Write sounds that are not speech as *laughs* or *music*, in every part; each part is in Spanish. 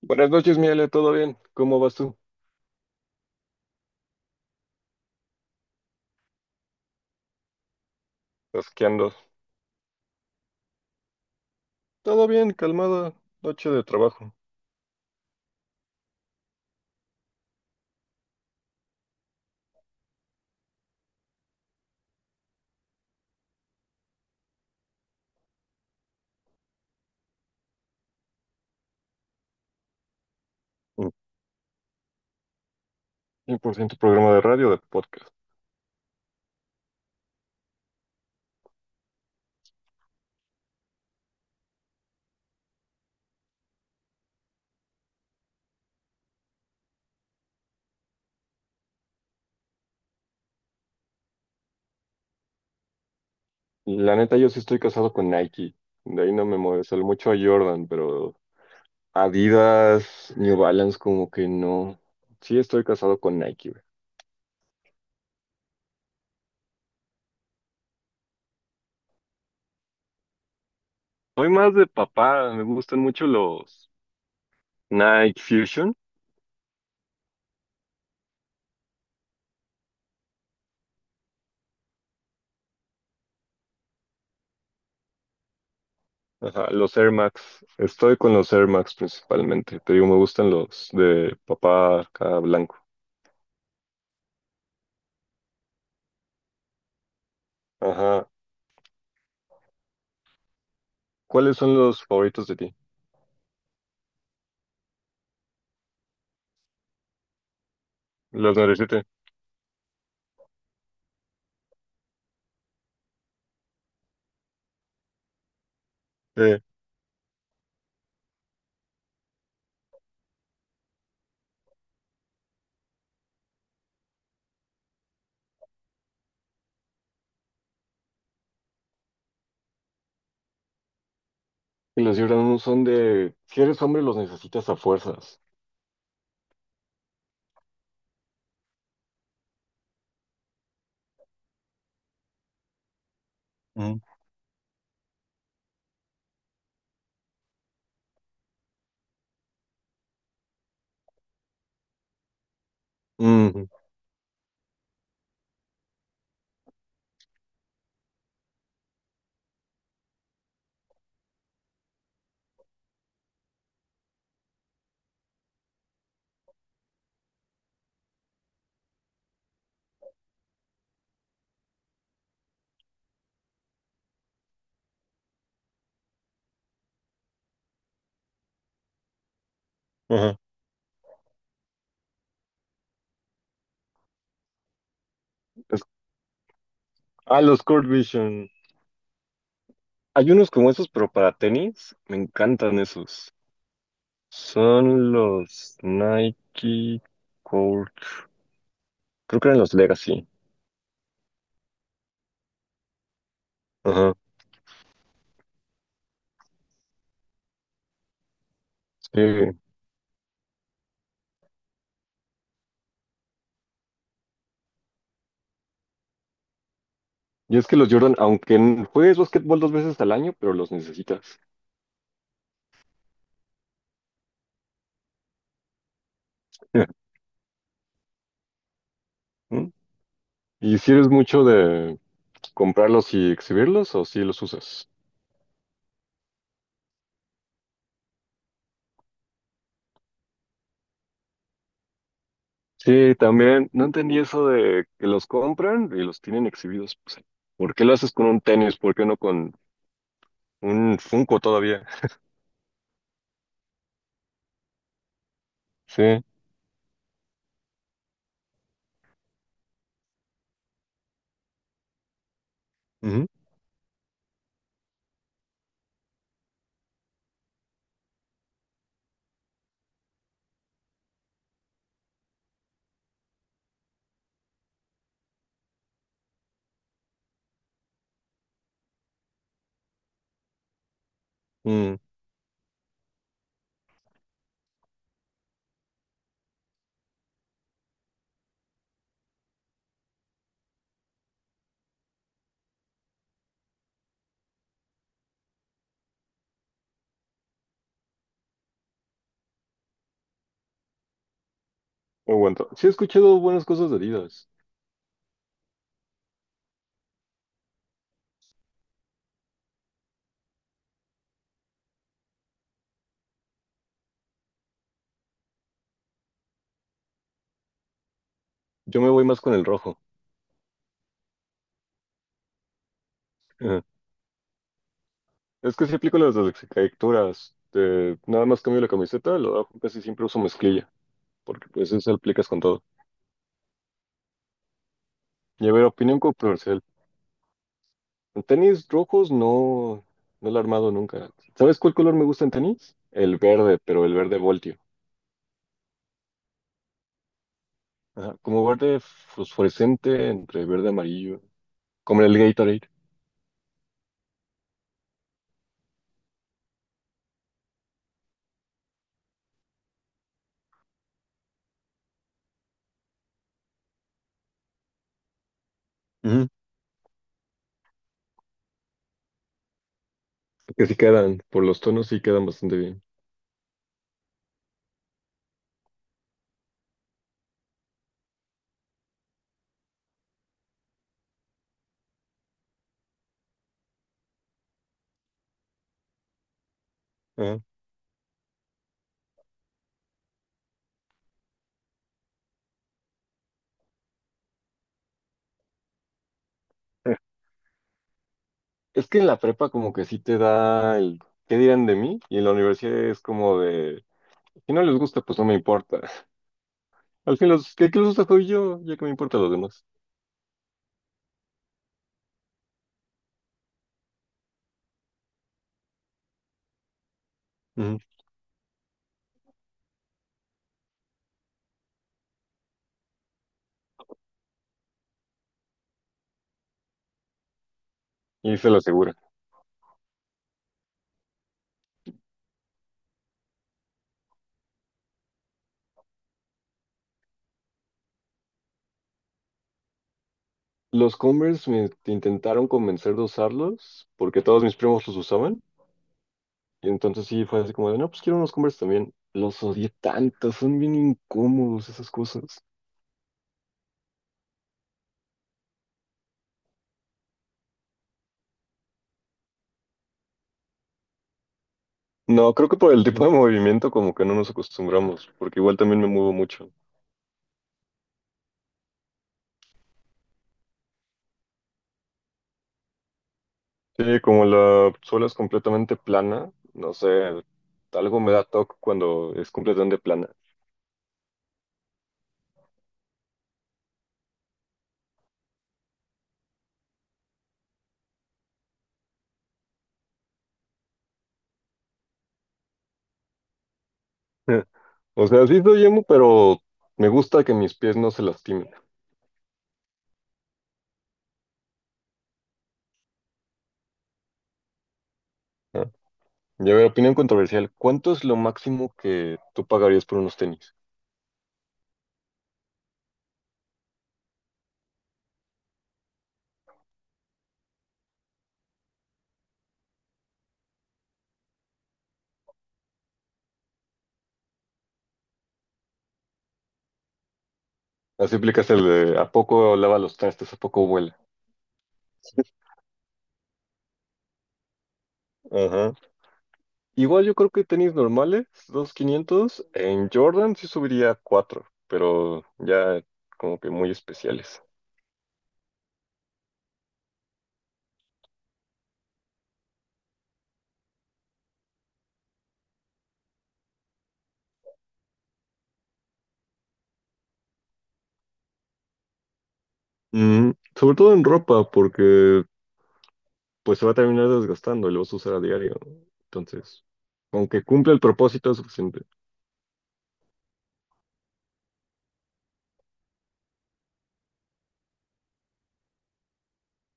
Buenas noches, Miele, ¿todo bien? ¿Cómo vas tú? Pues, ¿qué andas? Todo bien, calmada, noche de trabajo. Mm, 100% programa de radio, de podcast. La neta, yo sí estoy casado con Nike. De ahí no me mueve, sale mucho a Jordan, pero Adidas, New Balance, como que no. Sí estoy casado con Nike, güey. Soy más de papá, me gustan mucho los Nike Fusion. Ajá, los Air Max. Estoy con los Air Max principalmente. Te digo, me gustan los de papá acá blanco. Ajá. ¿Cuáles son los favoritos de ti? Los 97. Eh, y los Gibran son de, si eres hombre, los necesitas a fuerzas. Ujú. Ujú, ajá. Es- ah, los Court Vision. Hay unos como esos, pero para tenis. Me encantan esos. Son los Nike Court. Creo que eran los Legacy. Ajá. Sí. Y es que los Jordan, aunque juegues básquetbol dos veces al año, pero los necesitas. *laughs* ¿Mm? ¿Y si eres mucho de comprarlos y exhibirlos o si los usas? Sí, también. No entendí eso de que los compran y los tienen exhibidos. Pues, ¿por qué lo haces con un tenis? ¿Por qué no con un Funko todavía? *laughs* Sí. Ujú. Mm, no aguanto. Sí, he escuchado buenas cosas de Adidas. Yo me voy más con el rojo. Ajá. Es que sí aplico las descaricaturas. De, nada más cambio la camiseta, lo dejo, casi siempre uso mezclilla, porque pues eso aplicas con todo. Y a ver, opinión controversial. En tenis rojos no, no lo he armado nunca. ¿Sabes cuál color me gusta en tenis? El verde, pero el verde voltio. Ajá, como verde fosforescente entre verde amarillo, como el Gatorade. Ujú, que sí quedan, por los tonos sí quedan bastante bien. Ajá. Eh, Es que en la prepa como que sí te da el ¿qué dirán de mí? Y en la universidad es como de, si no les gusta, pues no me importa. *laughs* Al fin los que les gusta soy yo, ya que me importa los demás. Ujú. Y se lo asegura. Los Converse me intentaron convencer de usarlos porque todos mis primos los usaban. Y entonces sí fue así como de, no, pues quiero unos Converse también. Los odié tanto, son bien incómodos esas cosas. No, creo que por el tipo de movimiento como que no nos acostumbramos, porque igual también me muevo mucho. Sí, como la suela es completamente plana, no sé, algo me da toque cuando es completamente plana. *laughs* O sea, sí soy emo, pero me gusta que mis pies no se lastimen. ¿No? Y a ver, opinión controversial, ¿cuánto es lo máximo que tú pagarías por unos tenis? Así aplicas el de, ¿a poco lava los trastes? ¿A poco vuela? Ajá. Igual yo creo que tenis normales, 2.500 en Jordan sí subiría a 4, pero ya como que muy especiales. Mm, sobre todo en ropa, porque pues se va a terminar desgastando y lo vas a usar a diario, ¿no? Entonces, aunque cumple el propósito es suficiente.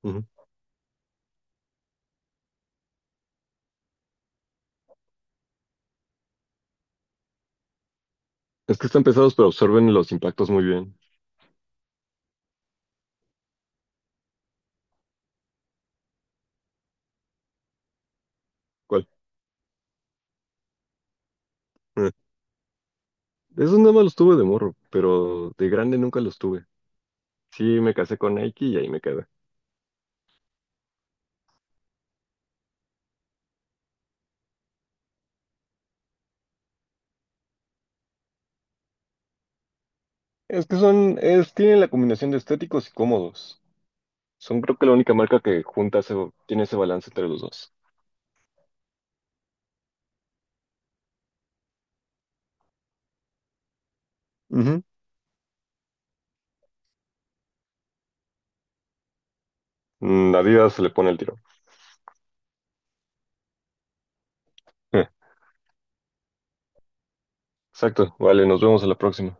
Ujú. Es que están pesados, pero absorben los impactos muy bien. ¿Cuál? Eh, Esos nada más los tuve de morro, pero de grande nunca los tuve. Sí, me casé con Nike y ahí me quedé. Es que son, es, tienen la combinación de estéticos y cómodos. Son creo que la única marca que junta ese, tiene ese balance entre los dos. Ujú. Mm, Adidas se le pone el tiro. Eh, Exacto, vale, nos vemos a la próxima.